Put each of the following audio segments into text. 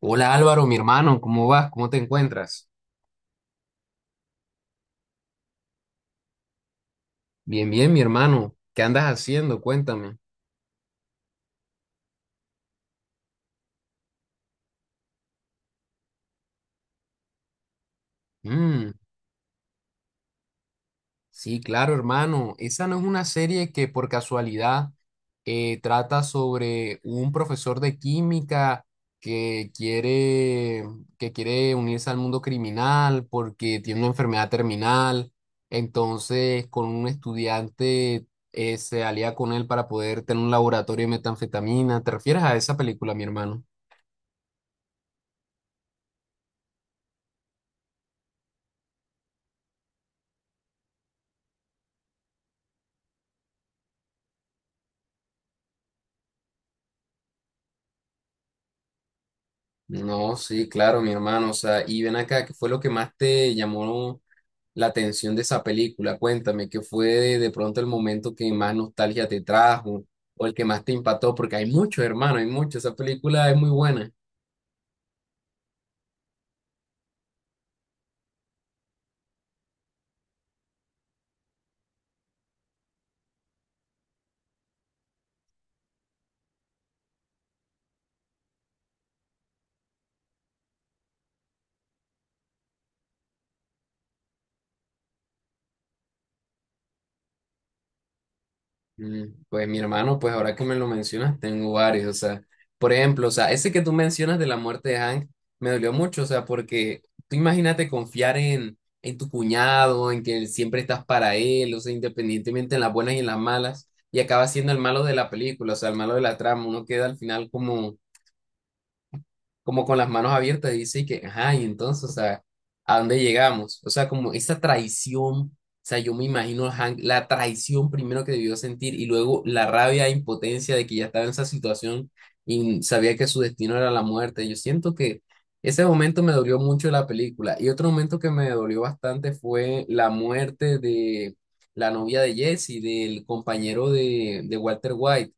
Hola Álvaro, mi hermano, ¿cómo vas? ¿Cómo te encuentras? Bien, mi hermano. ¿Qué andas haciendo? Cuéntame. Mm, sí, claro, hermano. Esa no es una serie que por casualidad trata sobre un profesor de química que quiere, que quiere unirse al mundo criminal porque tiene una enfermedad terminal. Entonces, con un estudiante se alía con él para poder tener un laboratorio de metanfetamina. ¿Te refieres a esa película, mi hermano? No, sí, claro, mi hermano. O sea, y ven acá, ¿qué fue lo que más te llamó la atención de esa película? Cuéntame, ¿qué fue de pronto el momento que más nostalgia te trajo o el que más te impactó? Porque hay muchos, hermano, hay muchos. Esa película es muy buena. Mm, pues mi hermano, pues ahora que me lo mencionas, tengo varios, o sea, por ejemplo, o sea, ese que tú mencionas de la muerte de Hank me dolió mucho, o sea, porque tú imagínate confiar en tu cuñado, en que siempre estás para él, o sea, independientemente en las buenas y en las malas, y acaba siendo el malo de la película, o sea, el malo de la trama, uno queda al final como con las manos abiertas, dice que, ajá, y entonces, o sea, ¿a dónde llegamos? O sea, como esa traición, o sea, yo me imagino a Hank, la traición primero que debió sentir y luego la rabia e impotencia de que ya estaba en esa situación y sabía que su destino era la muerte. Yo siento que ese momento me dolió mucho la película y otro momento que me dolió bastante fue la muerte de la novia de Jesse, del compañero de Walter White,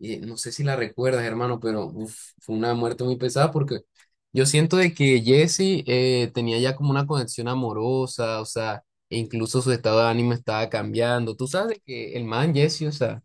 no sé si la recuerdas, hermano, pero uf, fue una muerte muy pesada porque yo siento de que Jesse tenía ya como una conexión amorosa, o sea, e incluso su estado de ánimo estaba cambiando. Tú sabes de que el man Jesse, o sea,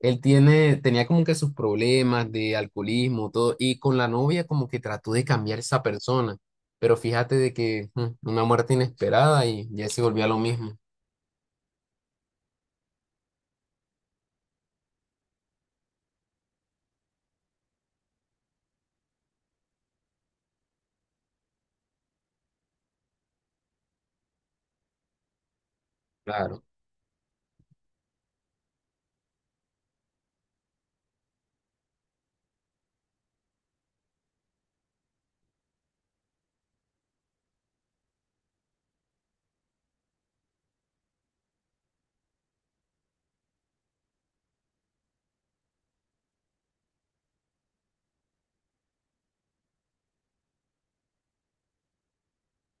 tenía como que sus problemas de alcoholismo, todo, y con la novia como que trató de cambiar esa persona. Pero fíjate de que una muerte inesperada y Jesse volvió a lo mismo. Claro.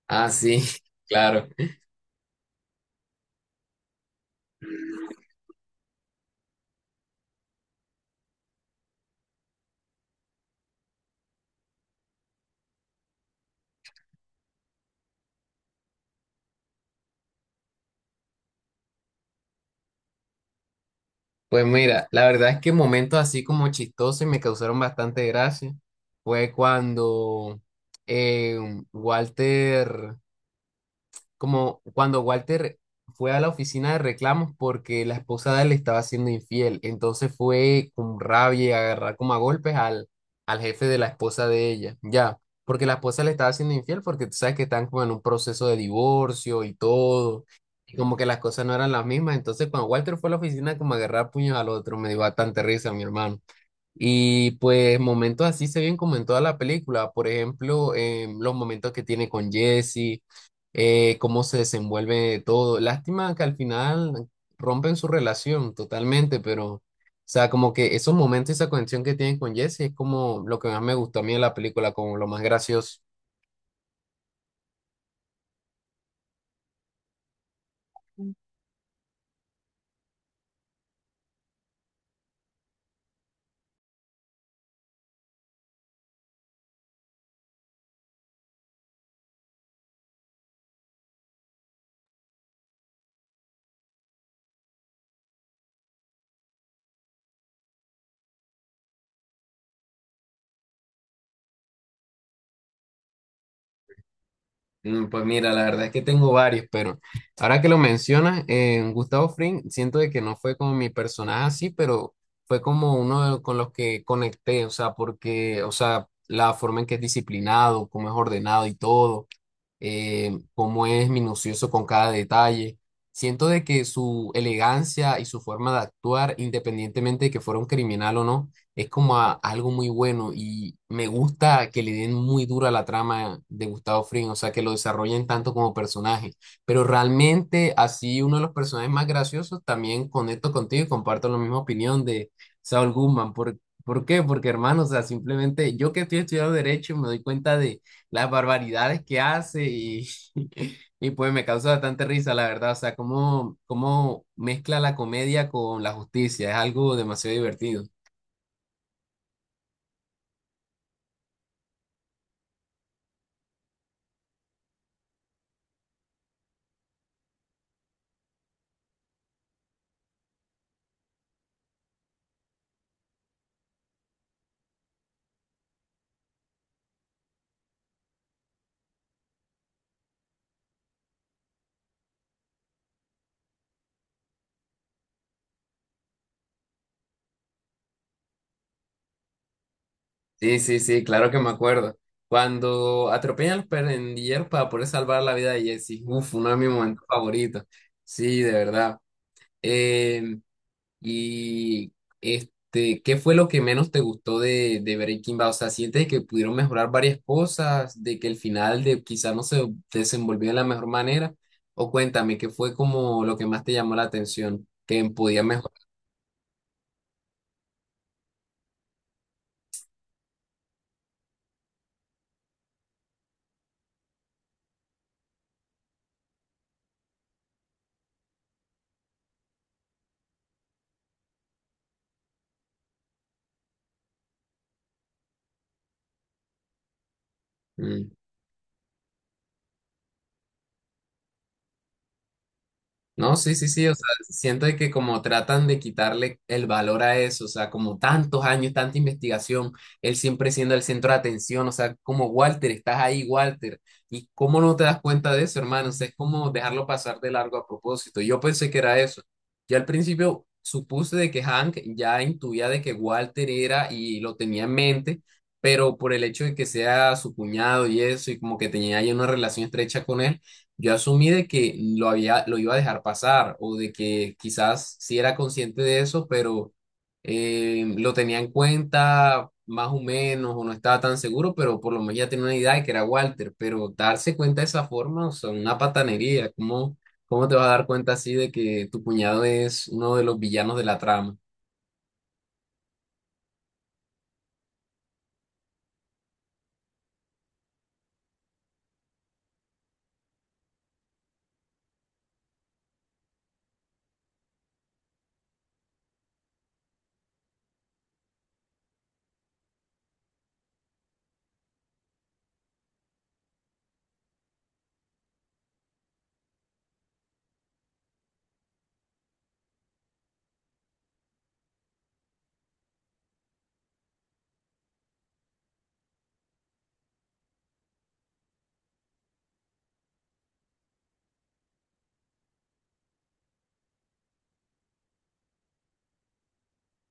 Ah, sí, claro. Pues mira, la verdad es que momentos así como chistosos y me causaron bastante gracia fue cuando eh, Walter como cuando Walter fue a la oficina de reclamos porque la esposa de él le estaba siendo infiel. Entonces fue con rabia y agarrar como a golpes al jefe de la esposa de ella, ya. Porque la esposa le estaba siendo infiel porque tú sabes que están como en un proceso de divorcio y todo. Y como que las cosas no eran las mismas. Entonces cuando Walter fue a la oficina como a agarrar puños al otro, me dio bastante risa, mi hermano. Y pues momentos así se ven como en toda la película, por ejemplo, los momentos que tiene con Jesse, cómo se desenvuelve todo. Lástima que al final rompen su relación totalmente, pero, o sea, como que esos momentos y esa conexión que tienen con Jesse es como lo que más me gustó a mí de la película, como lo más gracioso. Mm, pues mira, la verdad es que tengo varios, pero ahora que lo mencionas, Gustavo Fring, siento de que no fue como mi personaje así, pero fue como uno de con los que conecté, o sea, porque, o sea, la forma en que es disciplinado, cómo es ordenado y todo, cómo es minucioso con cada detalle. Siento de que su elegancia y su forma de actuar, independientemente de que fuera un criminal o no, es como algo muy bueno y me gusta que le den muy dura la trama de Gustavo Fring, o sea, que lo desarrollen tanto como personaje. Pero realmente, así uno de los personajes más graciosos, también conecto contigo y comparto la misma opinión de Saul Goodman. Por qué? Porque, hermano, o sea, simplemente yo que estoy estudiando Derecho me doy cuenta de las barbaridades que hace y, y pues me causa bastante risa, la verdad. O sea, cómo mezcla la comedia con la justicia, es algo demasiado divertido. Sí, sí, sí, claro que me acuerdo. Cuando atropellan a los pandilleros para poder salvar la vida de Jesse, uf, uno de mis momentos favoritos. Sí, de verdad. Em, Y este, ¿qué fue lo que menos te gustó de Breaking Bad? O sea, ¿sientes que pudieron mejorar varias cosas, de que el final de quizás no se desenvolvió de la mejor manera? O cuéntame, ¿qué fue como lo que más te llamó la atención, que podía mejorar? No, sí, sí, sí, o sea, siento de que como tratan de quitarle el valor a eso, o sea, como tantos años, tanta investigación, él siempre siendo el centro de atención, o sea, como Walter, estás ahí, Walter, y cómo no te das cuenta de eso, hermano, o sea, es como dejarlo pasar de largo a propósito. Yo pensé que era eso. Yo al principio supuse de que Hank ya intuía de que Walter era y lo tenía en mente, pero por el hecho de que sea su cuñado y eso, y como que tenía ya una relación estrecha con él. Yo asumí de que lo había, lo iba a dejar pasar o de que quizás sí era consciente de eso, pero lo tenía en cuenta más o menos o no estaba tan seguro, pero por lo menos ya tenía una idea de que era Walter. Pero darse cuenta de esa forma, o sea, una patanería, cómo te vas a dar cuenta así de que tu cuñado es uno de los villanos de la trama?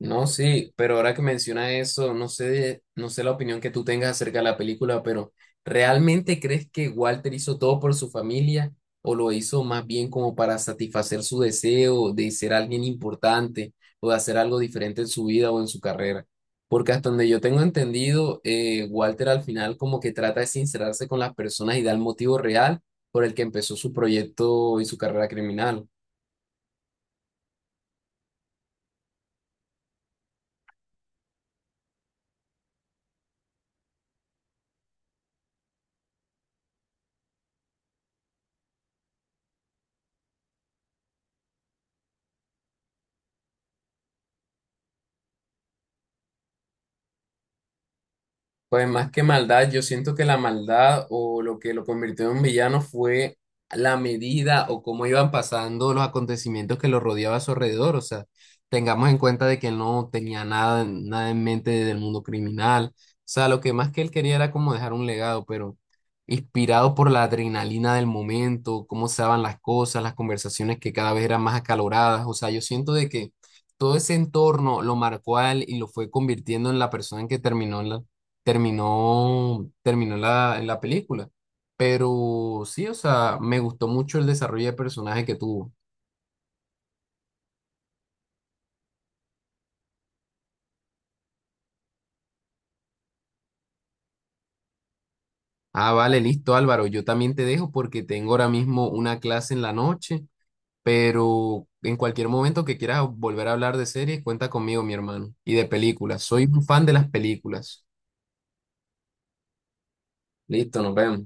No, sí, pero ahora que menciona eso, no sé, no sé la opinión que tú tengas acerca de la película, pero ¿realmente crees que Walter hizo todo por su familia o lo hizo más bien como para satisfacer su deseo de ser alguien importante o de hacer algo diferente en su vida o en su carrera? Porque hasta donde yo tengo entendido, Walter al final como que trata de sincerarse con las personas y da el motivo real por el que empezó su proyecto y su carrera criminal. Pues más que maldad, yo siento que la maldad o lo que lo convirtió en villano fue la medida o cómo iban pasando los acontecimientos que lo rodeaba a su alrededor. O sea, tengamos en cuenta de que no tenía nada en mente del mundo criminal. O sea, lo que más que él quería era como dejar un legado, pero inspirado por la adrenalina del momento, cómo se daban las cosas, las conversaciones que cada vez eran más acaloradas. O sea, yo siento de que todo ese entorno lo marcó a él y lo fue convirtiendo en la persona en que terminó en en la película. Pero sí, o sea, me gustó mucho el desarrollo de personaje que tuvo. Ah, vale, listo, Álvaro. Yo también te dejo porque tengo ahora mismo una clase en la noche, pero en cualquier momento que quieras volver a hablar de series, cuenta conmigo, mi hermano, y de películas. Soy un fan de las películas. Listo, nos vemos.